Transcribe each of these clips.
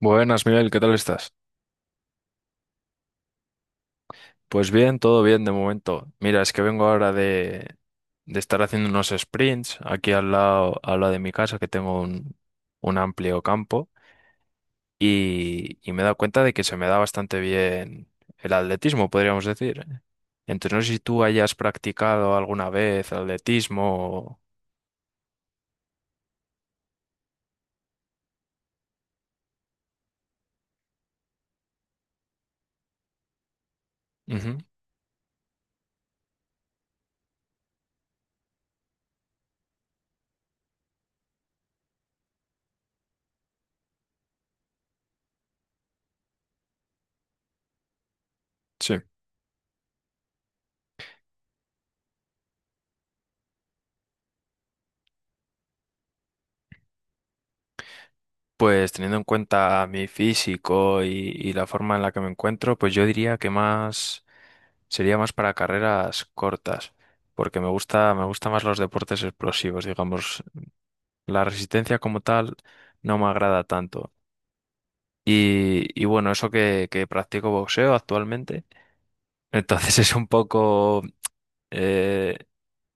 Buenas, Miguel, ¿qué tal estás? Pues bien, todo bien de momento. Mira, es que vengo ahora de estar haciendo unos sprints aquí al lado de mi casa, que tengo un amplio campo, y me he dado cuenta de que se me da bastante bien el atletismo, podríamos decir. Entonces, no sé si tú hayas practicado alguna vez atletismo. Ujú. Sí. Pues teniendo en cuenta mi físico y la forma en la que me encuentro, pues yo diría que más. Sería más para carreras cortas, porque me gusta más los deportes explosivos, digamos. La resistencia como tal no me agrada tanto. Y bueno, eso que practico boxeo actualmente, entonces es un poco eh,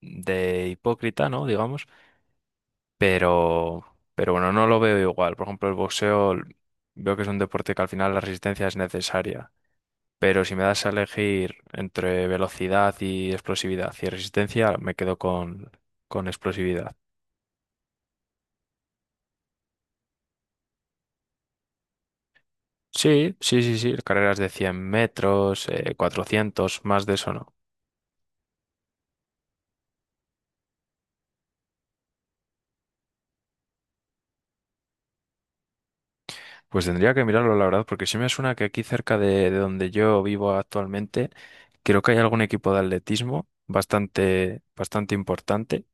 de hipócrita, ¿no? Digamos, pero, pero bueno, no lo veo igual. Por ejemplo, el boxeo veo que es un deporte que al final la resistencia es necesaria. Pero si me das a elegir entre velocidad y explosividad y resistencia, me quedo con explosividad. Sí, sí, sí, sí, carreras de 100 metros, 400, más de eso no. Pues tendría que mirarlo, la verdad, porque sí me suena que aquí cerca de donde yo vivo actualmente, creo que hay algún equipo de atletismo bastante importante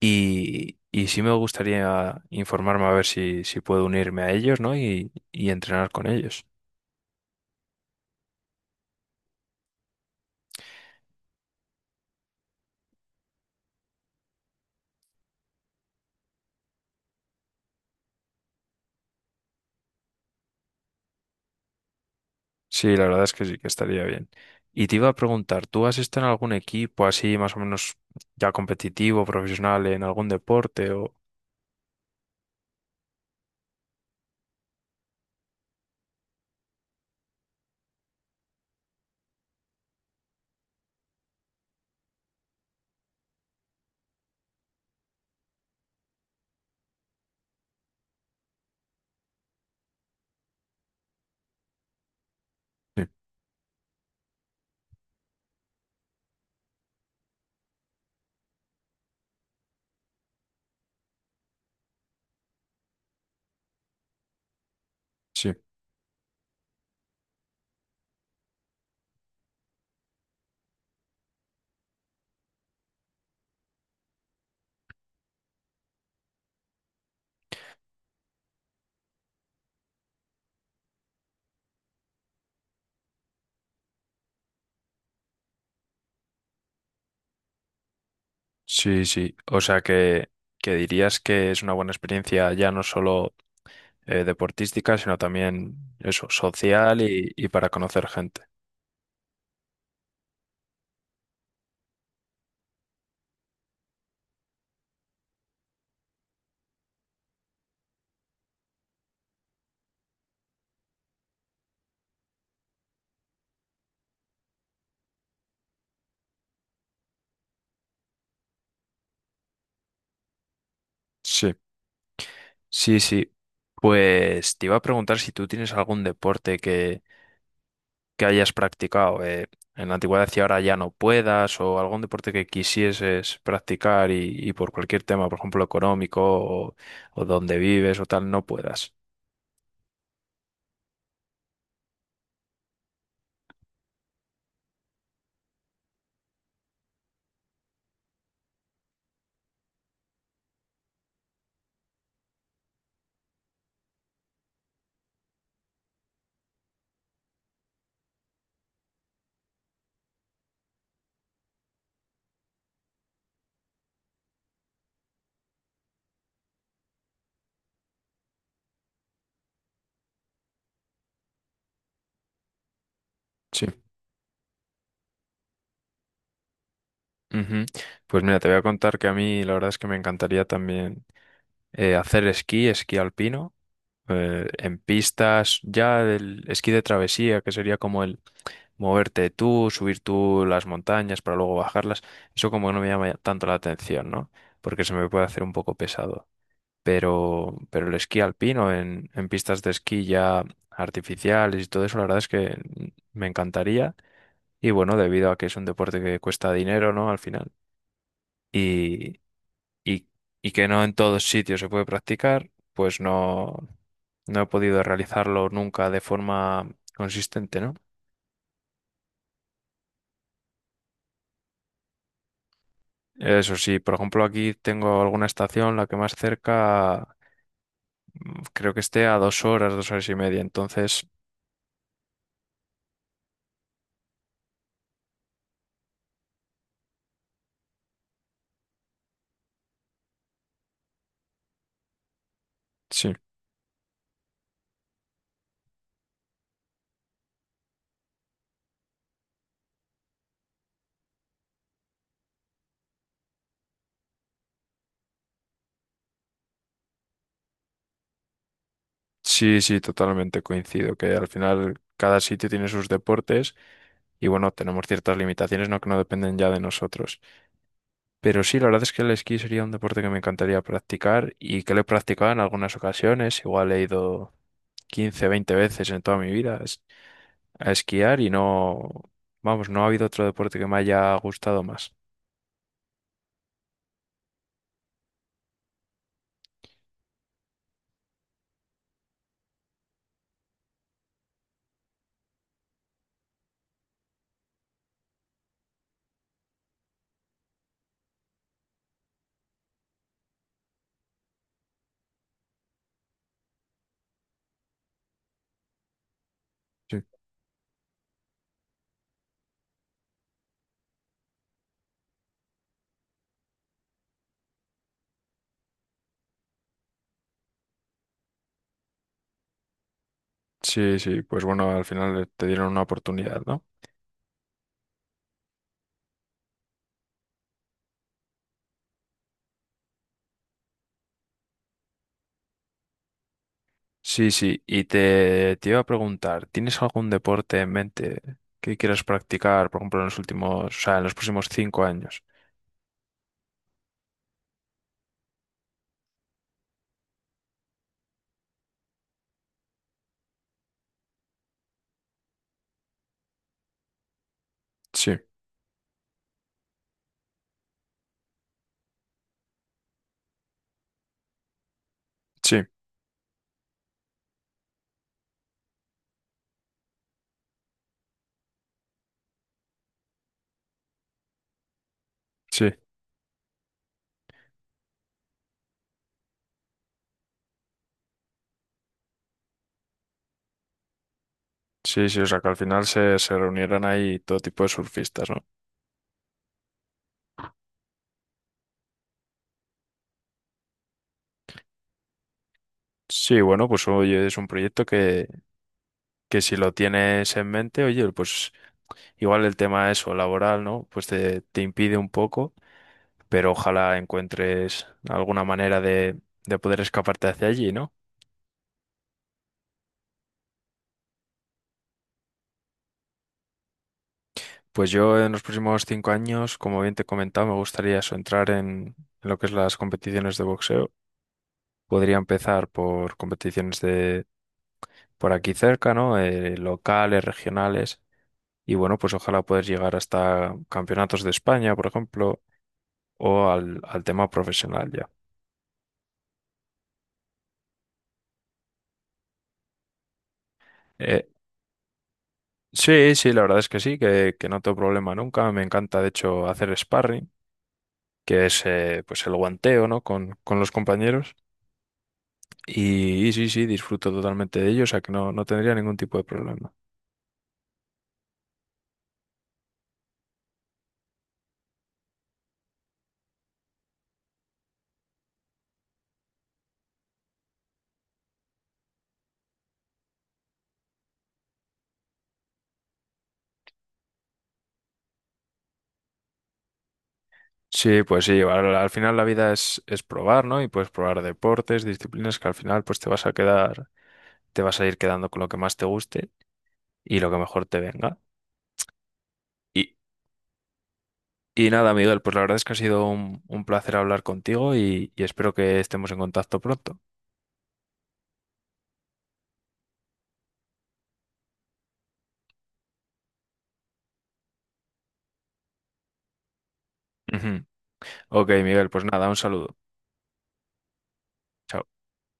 y sí me gustaría informarme a ver si puedo unirme a ellos, ¿no? Y entrenar con ellos. Sí, la verdad es que sí, que estaría bien. Y te iba a preguntar, ¿tú has estado en algún equipo así más o menos ya competitivo, profesional, en algún deporte o...? Sí, sí, sí, sí. O sea que dirías que es una buena experiencia ya no solo deportística, sino también eso, social y para conocer gente. Sí, sí, sí. Pues te iba a preguntar si tú tienes algún deporte que hayas practicado en la antigüedad y ahora ya no puedas, o algún deporte que quisieses practicar y por cualquier tema, por ejemplo, económico o donde vives o tal, no puedas. Sí. Ujú. Pues mira, te voy a contar que a mí la verdad es que me encantaría también hacer esquí, esquí alpino, en pistas, ya el esquí de travesía, que sería como el moverte tú, subir tú las montañas para luego bajarlas, eso como que no me llama tanto la atención, ¿no? Porque se me puede hacer un poco pesado. Pero el esquí alpino en pistas de esquí ya artificiales y todo eso, la verdad es que me encantaría. Y bueno, debido a que es un deporte que cuesta dinero, ¿no? Al final. Y, y, y que no en todos sitios se puede practicar, pues no, no he podido realizarlo nunca de forma consistente, ¿no? Eso sí, por ejemplo, aquí tengo alguna estación, la que más cerca, creo que esté a 2 horas, 2 horas y media. Entonces, sí. Sí, sí, totalmente coincido, que al final cada sitio tiene sus deportes y bueno, tenemos ciertas limitaciones, ¿no? Que no dependen ya de nosotros. Pero sí, la verdad es que el esquí sería un deporte que me encantaría practicar y que lo he practicado en algunas ocasiones, igual he ido 15, 20 veces en toda mi vida a esquiar y no, vamos, no ha habido otro deporte que me haya gustado más. Sí, sí, sí, pues bueno, al final te dieron una oportunidad, ¿no? Sí, sí, y te iba a preguntar, ¿tienes algún deporte en mente que quieras practicar, por ejemplo, en los últimos, o sea, en los próximos cinco años? Sí, sí, sí, sí, sí, o sea, que al final se, se reunieran ahí todo tipo de surfistas, ¿no? Sí, bueno, pues oye, es un proyecto que si lo tienes en mente, oye, pues igual el tema eso, laboral, ¿no? Pues te impide un poco, pero ojalá encuentres alguna manera de poder escaparte hacia allí, ¿no? Pues yo en los próximos 5 años, como bien te he comentado, me gustaría eso, entrar en, lo que es las competiciones de boxeo. Podría empezar por competiciones de por aquí cerca, ¿no? Locales, regionales. Y bueno, pues ojalá poder llegar hasta campeonatos de España, por ejemplo, o al tema profesional ya. Eh, sí, sí, la verdad es que sí, que no tengo problema nunca. Me encanta, de hecho, hacer sparring, que es pues el guanteo, ¿no? Con los compañeros. Y sí, sí, disfruto totalmente de ello, o sea que no, no tendría ningún tipo de problema. Sí, pues sí, al final la vida es probar, ¿no? Y puedes probar deportes, disciplinas que al final pues te vas a quedar, te vas a ir quedando con lo que más te guste y lo que mejor te venga. Y, y nada, Miguel, pues la verdad es que ha sido un placer hablar contigo y espero que estemos en contacto pronto. Ujú. Ok, Miguel, pues nada, un saludo. Chao.